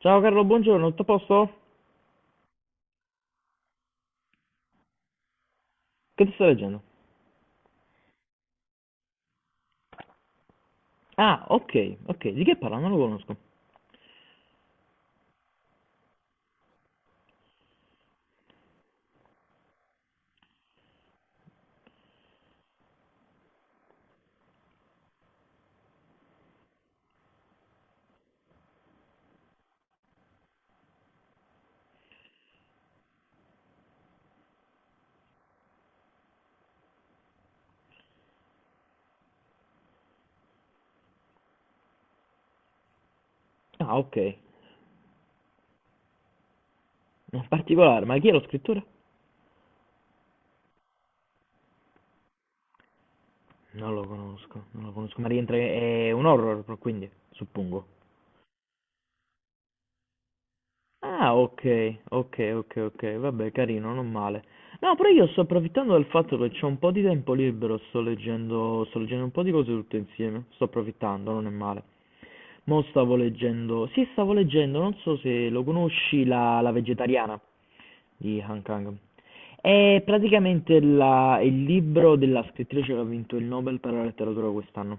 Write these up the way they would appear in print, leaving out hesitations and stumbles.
Ciao Carlo, buongiorno, tutto a posto? Che ti sto leggendo? Ah, ok, ok, di che parla? Non lo conosco. Ah, ok, non particolare, ma chi è lo scrittore? Non lo conosco, non lo conosco, ma rientra, è un horror, quindi, suppongo. Ah, ok, ok, ok, ok, vabbè, carino, non male. No, però io sto approfittando del fatto che c'ho un po' di tempo libero, sto leggendo un po' di cose tutte insieme, sto approfittando, non è male. Mo' stavo leggendo, sì, stavo leggendo, non so se lo conosci, la vegetariana. Di Han Kang. È praticamente il libro della scrittrice che ha vinto il Nobel per la letteratura quest'anno.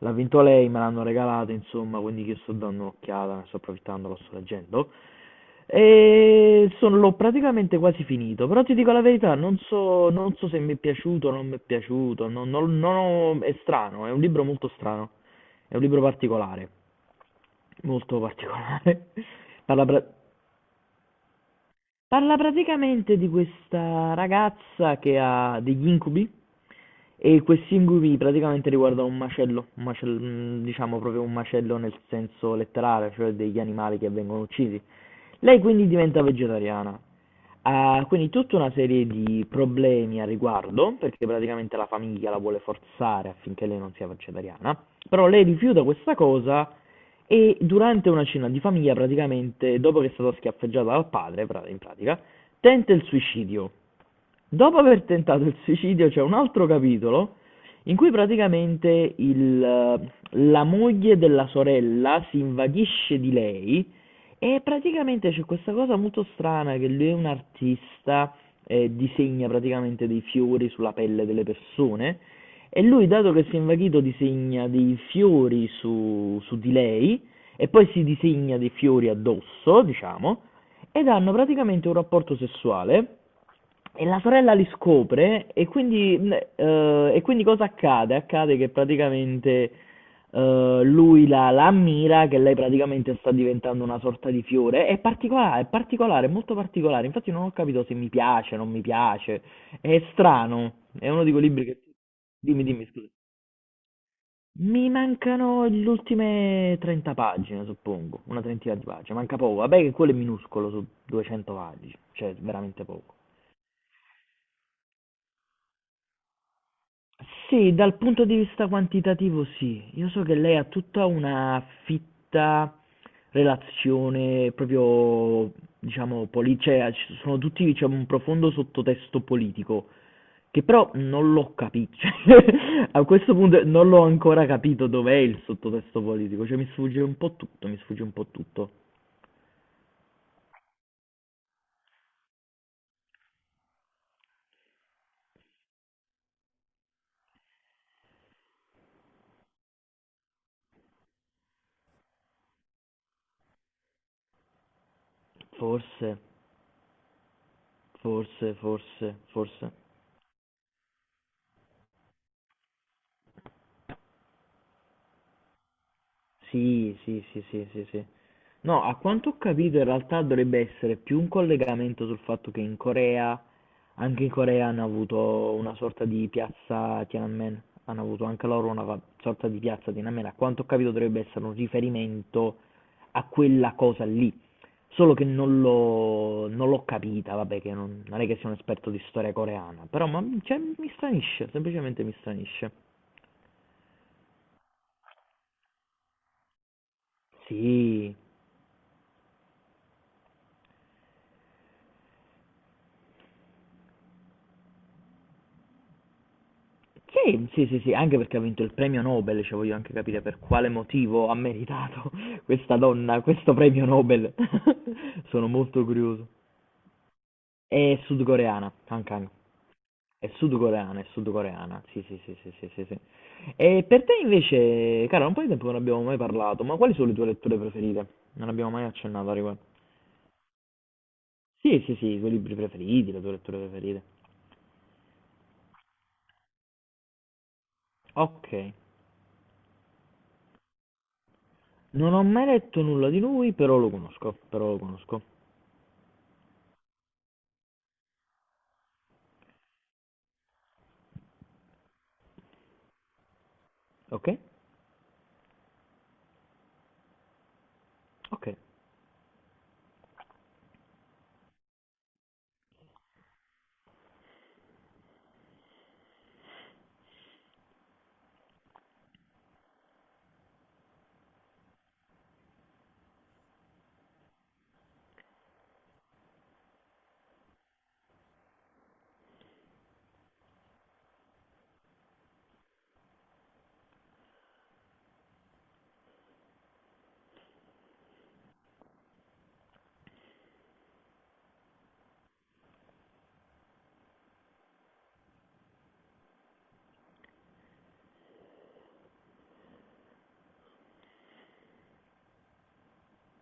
L'ha vinto lei, me l'hanno regalato, insomma, quindi io sto dando un'occhiata, ne sto approfittando, lo sto leggendo. E sono, l'ho praticamente quasi finito, però ti dico la verità, non so se mi è piaciuto o non mi è piaciuto, non, non- non ho- è strano, è un libro molto strano, è un libro particolare, molto particolare. Parla pra- Parla praticamente di questa ragazza che ha degli incubi e questi ingumi praticamente riguardano un macello, diciamo proprio un macello nel senso letterale, cioè degli animali che vengono uccisi. Lei quindi diventa vegetariana. Ha quindi tutta una serie di problemi a riguardo, perché praticamente la famiglia la vuole forzare affinché lei non sia vegetariana, però lei rifiuta questa cosa e durante una cena di famiglia praticamente, dopo che è stata schiaffeggiata dal padre, in pratica, tenta il suicidio. Dopo aver tentato il suicidio c'è un altro capitolo in cui praticamente la moglie della sorella si invaghisce di lei e praticamente c'è questa cosa molto strana che lui è un artista e disegna praticamente dei fiori sulla pelle delle persone e lui dato che si è invaghito disegna dei fiori su, su di lei e poi si disegna dei fiori addosso, diciamo, ed hanno praticamente un rapporto sessuale e la sorella li scopre e quindi cosa accade? Accade che praticamente lui la ammira, che lei praticamente sta diventando una sorta di fiore. È particolare, è particolare, è molto particolare. Infatti non ho capito se mi piace, non mi piace. È strano. È uno di quei libri che... Dimmi, dimmi, scusa. Mi mancano le ultime 30 pagine, suppongo, una trentina di pagine, manca poco. Vabbè che quello è minuscolo su 200 pagine, cioè veramente poco. Sì, dal punto di vista quantitativo sì. Io so che lei ha tutta una fitta relazione proprio, diciamo, cioè ci sono tutti, diciamo, un profondo sottotesto politico, che però non l'ho capito. Cioè, a questo punto non l'ho ancora capito dov'è il sottotesto politico, cioè mi sfugge un po' tutto, mi sfugge un po' tutto. Forse, forse, forse, forse. Sì, sì, sì, sì, sì, sì. No, a quanto ho capito in realtà dovrebbe essere più un collegamento sul fatto che in Corea, anche in Corea hanno avuto una sorta di piazza Tiananmen, hanno avuto anche loro una sorta di piazza Tiananmen, a quanto ho capito dovrebbe essere un riferimento a quella cosa lì, solo che non l'ho capita, vabbè che non, non è che sia un esperto di storia coreana, però ma, cioè, mi stranisce, semplicemente mi stranisce. Sì, sì, sì, sì, sì, anche perché ha vinto il premio Nobel, cioè voglio anche capire per quale motivo ha meritato questa donna questo premio Nobel. Sono molto curioso. È sudcoreana, Kang Kang. È sudcoreana, è sudcoreana. Sì, sì, sì, sì, sì, sì, sì. E per te invece, cara, un po' di tempo che non abbiamo mai parlato, ma quali sono le tue letture preferite? Non abbiamo mai accennato a riguardo. Sì, sì, sì, i tuoi libri preferiti, le tue letture preferite. Ok. Non ho mai letto nulla di lui, però lo conosco, però lo conosco. Ok? Ok.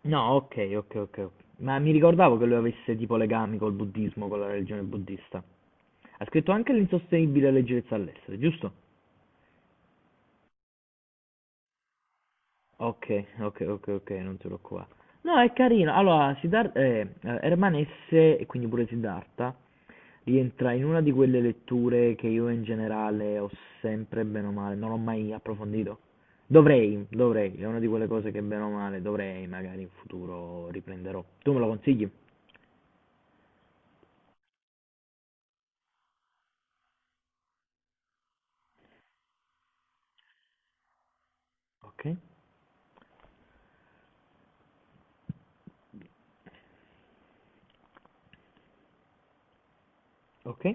No, ok, ok, ok, ok. Ma mi ricordavo che lui avesse tipo legami col buddismo, con la religione buddista. Ha scritto anche l'insostenibile leggerezza all'essere, giusto? Ok, ok, ok, ok, non ce l'ho qua. No, è carino. Allora, Herman S, e quindi pure Siddhartha, rientra in una di quelle letture che io in generale ho sempre bene o male, non ho mai approfondito. Dovrei, dovrei, è una di quelle cose che bene o male dovrei, magari in futuro riprenderò. Tu me lo consigli? Ok, ok,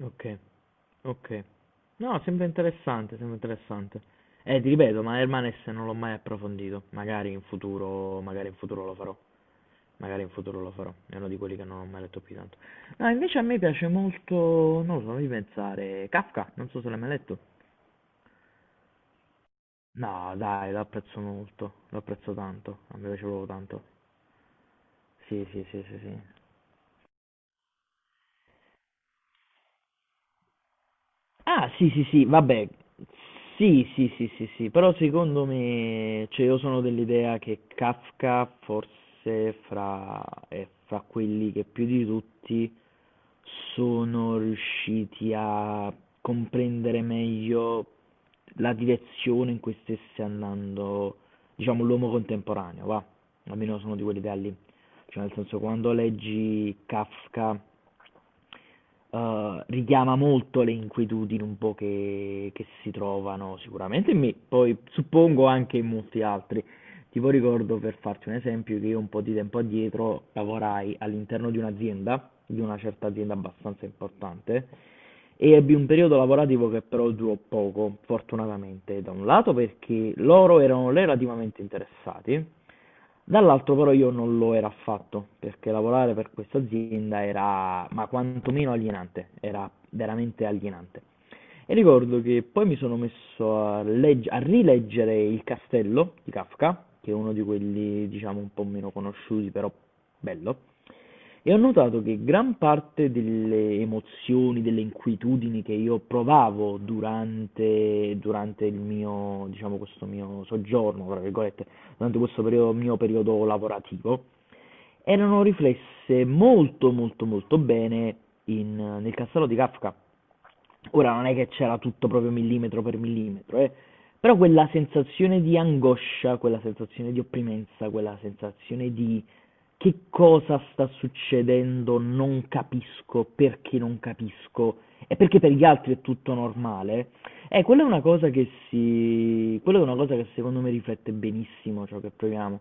ok. Okay. No, sembra interessante, sembra interessante. Ti ripeto, ma Hermanes non l'ho mai approfondito. Magari in futuro lo farò. Magari in futuro lo farò. È uno di quelli che non ho mai letto più di tanto. No, invece a me piace molto, non lo so, fammi pensare, Kafka, non so se l'hai mai letto. No, dai, lo apprezzo molto, lo apprezzo tanto, a me piace proprio tanto. Sì, sì, sì, sì, sì. Ah, sì, sì, sì, vabbè, sì, sì, sì, sì, sì, però secondo me, cioè io sono dell'idea che Kafka forse fra, è fra quelli che più di tutti sono riusciti a comprendere meglio la direzione in cui stesse andando, diciamo, l'uomo contemporaneo, va, almeno sono di quell'idea lì, cioè nel senso quando leggi Kafka richiama molto le inquietudini un po' che si trovano sicuramente in me, poi suppongo anche in molti altri. Tipo ricordo, per farti un esempio, che io un po' di tempo addietro lavorai all'interno di un'azienda, di una certa azienda abbastanza importante, e ebbi un periodo lavorativo che però durò poco, fortunatamente. Da un lato perché loro erano relativamente interessati. Dall'altro però io non lo ero affatto, perché lavorare per questa azienda era, ma quantomeno alienante, era veramente alienante. E ricordo che poi mi sono messo a, a rileggere Il Castello di Kafka, che è uno di quelli, diciamo, un po' meno conosciuti, però bello. E ho notato che gran parte delle emozioni, delle inquietudini che io provavo durante il mio diciamo, questo mio "soggiorno", tra virgolette, durante questo perio mio periodo lavorativo, erano riflesse molto, molto, molto bene in nel castello di Kafka. Ora non è che c'era tutto proprio millimetro per millimetro, però quella sensazione di angoscia, quella sensazione di opprimenza, quella sensazione di che cosa sta succedendo, non capisco, perché non capisco, e perché per gli altri è tutto normale, quella è una cosa che si... quella è una cosa che secondo me riflette benissimo ciò che proviamo.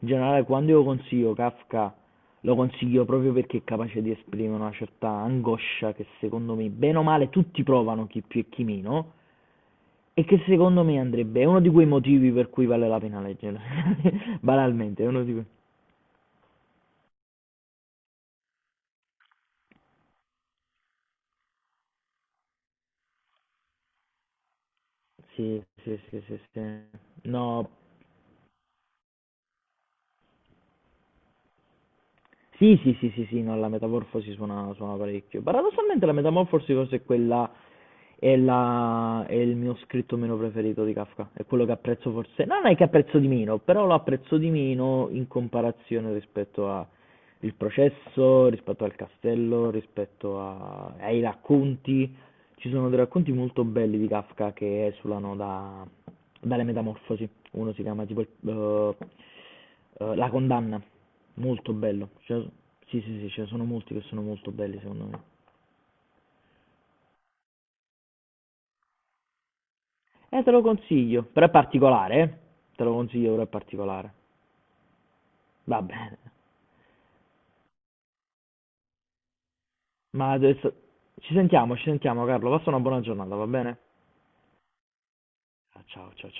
In generale quando io consiglio Kafka, lo consiglio proprio perché è capace di esprimere una certa angoscia che secondo me, bene o male, tutti provano, chi più e chi meno, e che secondo me andrebbe, è uno di quei motivi per cui vale la pena leggerlo, banalmente, è uno di quei... Sì, sì, sì, sì, sì. No, sì, sì, sì, sì, sì, no, la Metamorfosi suona, suona parecchio. Paradossalmente la Metamorfosi forse è quella, è la, è il mio scritto meno preferito di Kafka, è quello che apprezzo forse, no, non è che apprezzo di meno, però lo apprezzo di meno in comparazione rispetto a il processo, rispetto al castello, ai racconti. Ci sono dei racconti molto belli di Kafka che esulano dalle metamorfosi. Uno si chiama tipo La condanna, molto bello. Cioè, sì, sì, sì, ce ne sono molti che sono molto belli secondo me. Te lo consiglio, però è particolare, eh. Te lo consiglio, però è particolare. Va bene. Ma adesso ci sentiamo Carlo, passa una buona giornata, va bene? Ah, ciao, ciao.